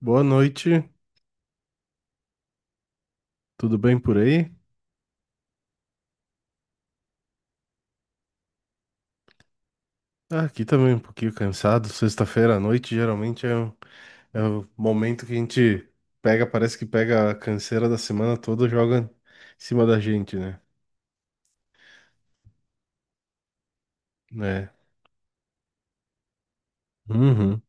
Boa noite, tudo bem por aí? Ah, aqui também um pouquinho cansado. Sexta-feira à noite geralmente é o momento que a gente pega, parece que pega a canseira da semana toda, e joga em cima da gente, né? É. Uhum.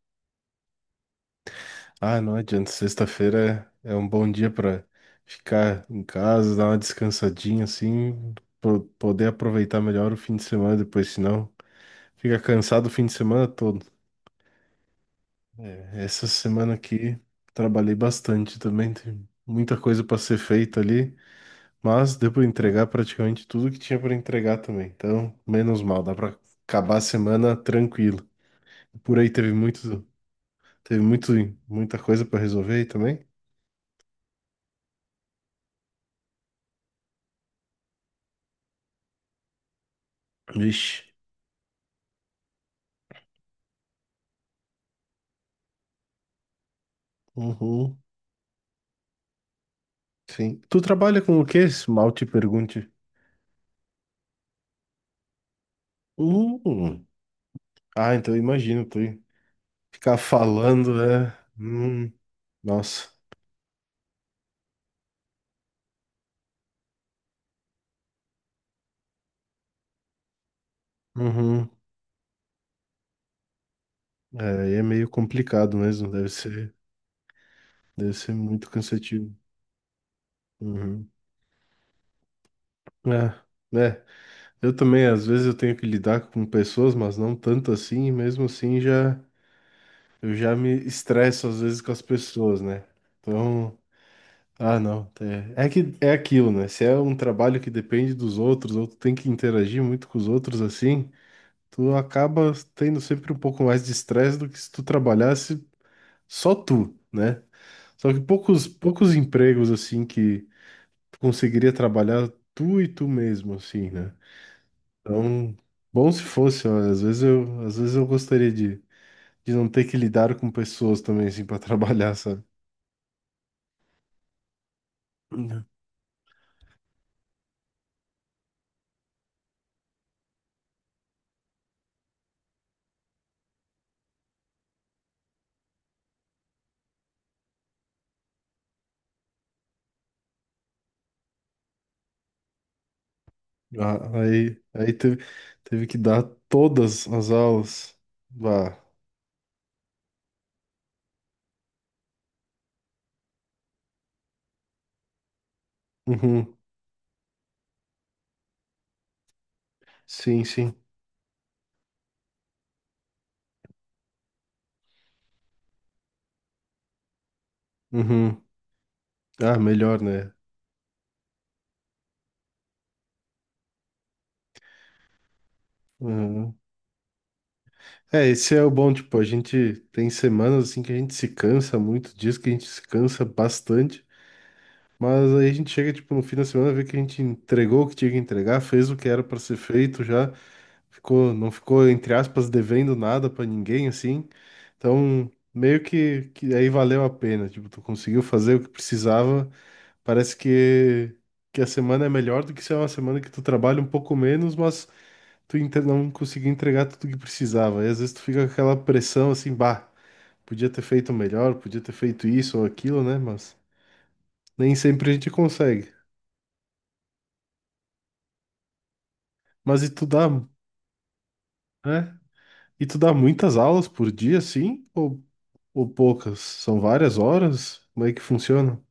Ah, não adianta. Sexta-feira é um bom dia para ficar em casa, dar uma descansadinha assim, poder aproveitar melhor o fim de semana depois, senão fica cansado o fim de semana todo. Essa semana aqui trabalhei bastante também, tem muita coisa para ser feita ali, mas deu para entregar praticamente tudo que tinha para entregar também. Então, menos mal, dá para acabar a semana tranquilo. Por aí teve muito, muita coisa para resolver aí também. Vixe. Uhum. Sim. Tu trabalha com o quê? Se mal te pergunte. Uhum. Ah, então eu imagino tu ficar falando, é. Hum. Nossa. Uhum. É, aí é meio complicado mesmo, deve ser. Deve ser muito cansativo. Uhum. É, é. Eu também, às vezes eu tenho que lidar com pessoas, mas não tanto assim, e mesmo assim já eu já me estresso às vezes com as pessoas, né? Então, ah, não, é, é que é aquilo, né? Se é um trabalho que depende dos outros, ou tu tem que interagir muito com os outros assim, tu acaba tendo sempre um pouco mais de estresse do que se tu trabalhasse só tu, né? Só que poucos empregos assim que tu conseguiria trabalhar tu e tu mesmo, assim, né? Então, bom se fosse, olha, às vezes eu gostaria de não ter que lidar com pessoas também, assim, para trabalhar, sabe? Uhum. Ah, Aí, teve que dar todas as aulas. Bah. Uhum. Sim, sim. Uhum. Ah, melhor, né? Uhum. É, esse é o bom, tipo, a gente tem semanas assim que a gente se cansa muito, dias que a gente se cansa bastante. Mas aí a gente chega, tipo, no fim da semana, vê que a gente entregou o que tinha que entregar, fez o que era para ser feito já, ficou, não ficou, entre aspas, devendo nada para ninguém, assim. Então, meio que, aí valeu a pena, tipo, tu conseguiu fazer o que precisava, parece que a semana é melhor do que se é uma semana que tu trabalha um pouco menos, mas não conseguiu entregar tudo que precisava. E às vezes tu fica com aquela pressão, assim, bah, podia ter feito melhor, podia ter feito isso ou aquilo, né? Mas nem sempre a gente consegue. Mas e tu dá, né? E tu dá muitas aulas por dia, sim? Ou poucas? São várias horas? Como é que funciona?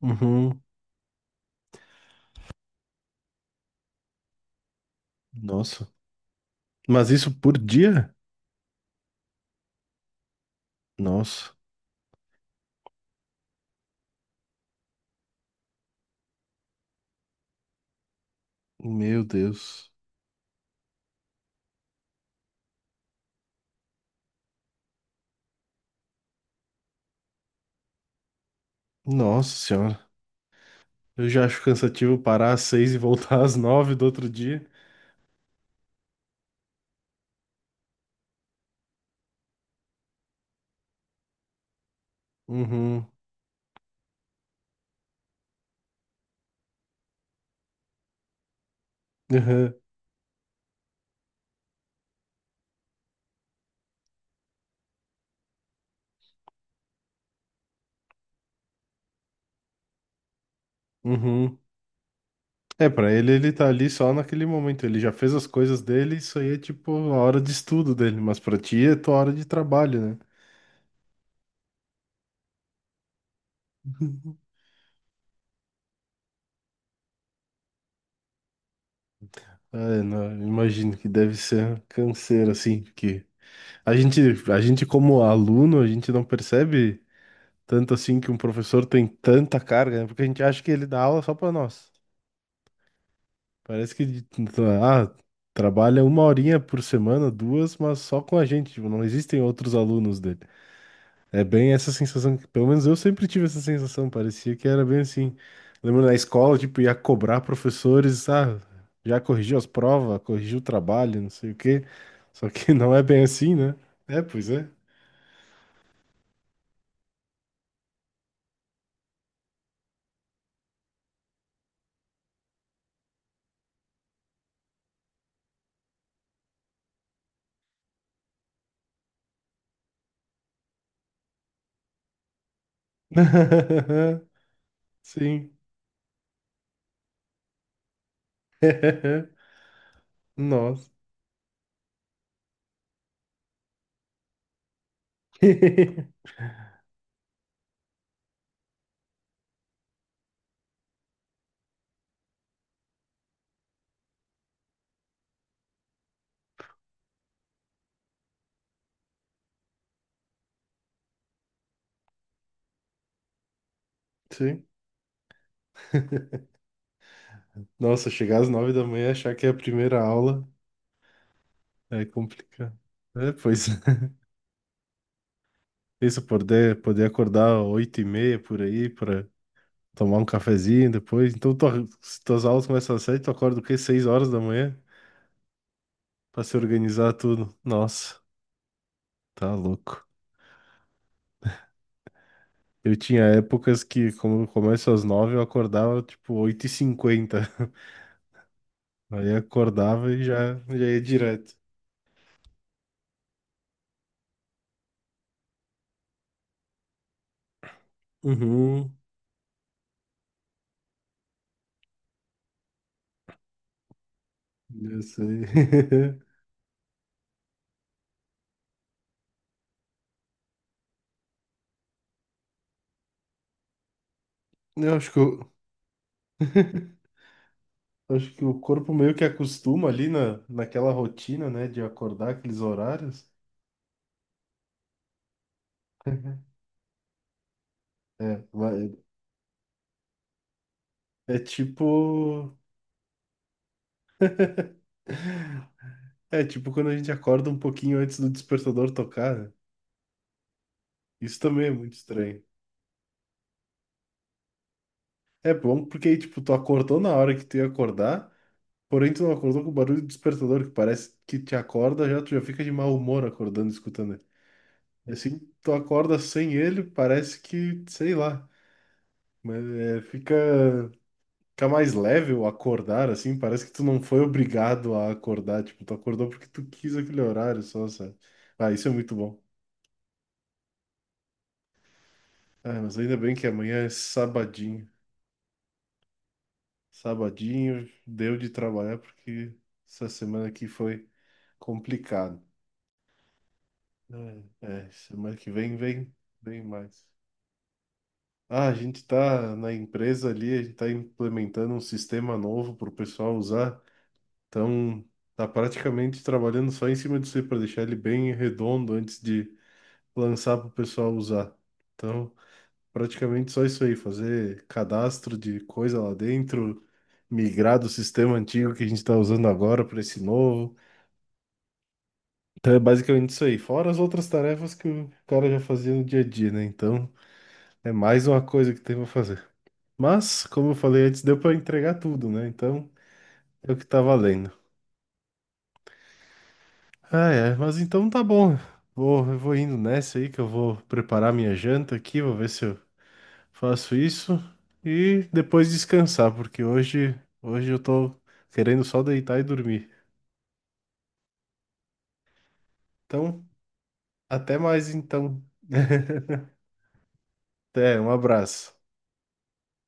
Uhum. Nossa. Mas isso por dia? Nossa. Meu Deus. Nossa senhora. Eu já acho cansativo parar às 6h e voltar às 9h do outro dia. Uhum. Uhum. Uhum. É, pra ele, ele tá ali só naquele momento. Ele já fez as coisas dele, isso aí é tipo a hora de estudo dele. Mas pra ti é tua hora de trabalho, né? É, não, eu imagino que deve ser canseiro, assim, porque a gente, a gente como aluno, a gente não percebe tanto assim que um professor tem tanta carga, né? Porque a gente acha que ele dá aula só pra nós. Parece que, de- ah, trabalha uma horinha por semana, duas, mas só com a gente, tipo, não existem outros alunos dele. É bem essa sensação, que- pelo menos eu sempre tive essa sensação, parecia que era bem assim. Lembro na escola, tipo, ia cobrar professores, ah, já corrigiu as provas, corrigiu o trabalho, não sei o quê. Só que não é bem assim, né? É, pois é. Sim. Nossa. Sim. Nossa, chegar às 9h da manhã e achar que é a primeira aula é complicado. É, pois é. Isso, poder acordar 8h30 por aí tomar um cafezinho depois. Então, se tuas aulas começam às 7h, tu acorda o quê? 6h da manhã pra se organizar tudo. Nossa, tá louco. Eu tinha épocas que, como eu começo às 9h, eu acordava tipo 8h50. Aí acordava e já ia direto. Uhum, eu sei. Eu acho que eu... Acho que o corpo meio que acostuma ali naquela rotina, né, de acordar aqueles horários. É, vai- é tipo É, tipo quando a gente acorda um pouquinho antes do despertador tocar, né? Isso também é muito estranho. É bom porque, tipo, tu acordou na hora que tu ia acordar, porém tu não acordou com o barulho do despertador, que parece que te acorda, já tu já fica de mau humor acordando, escutando ele. E assim, tu acorda sem ele, parece que, sei lá, mas é, fica mais leve o acordar, assim, parece que tu não foi obrigado a acordar, tipo, tu acordou porque tu quis aquele horário só, sabe? Ah, isso é muito bom. Ah, mas ainda bem que amanhã é sabadinho. Sabadinho, deu de trabalhar porque essa semana aqui foi complicado. É, é, semana que vem, vem mais. Ah, a gente tá na empresa ali, a gente tá implementando um sistema novo para o pessoal usar. Então, tá praticamente trabalhando só em cima disso para deixar ele bem redondo antes de lançar para o pessoal usar. Então, praticamente só isso aí, fazer cadastro de coisa lá dentro, migrar do sistema antigo que a gente está usando agora para esse novo. Então é basicamente isso aí. Fora as outras tarefas que o cara já fazia no dia a dia, né? Então é mais uma coisa que tem pra fazer. Mas, como eu falei antes, deu pra entregar tudo, né? Então é o que tá valendo. Ah, é. Mas então tá bom. Eu vou indo nessa aí que eu vou preparar minha janta aqui. Vou ver se eu faço isso. E depois descansar, porque hoje eu tô querendo só deitar e dormir. Então, até mais então. Até, um abraço.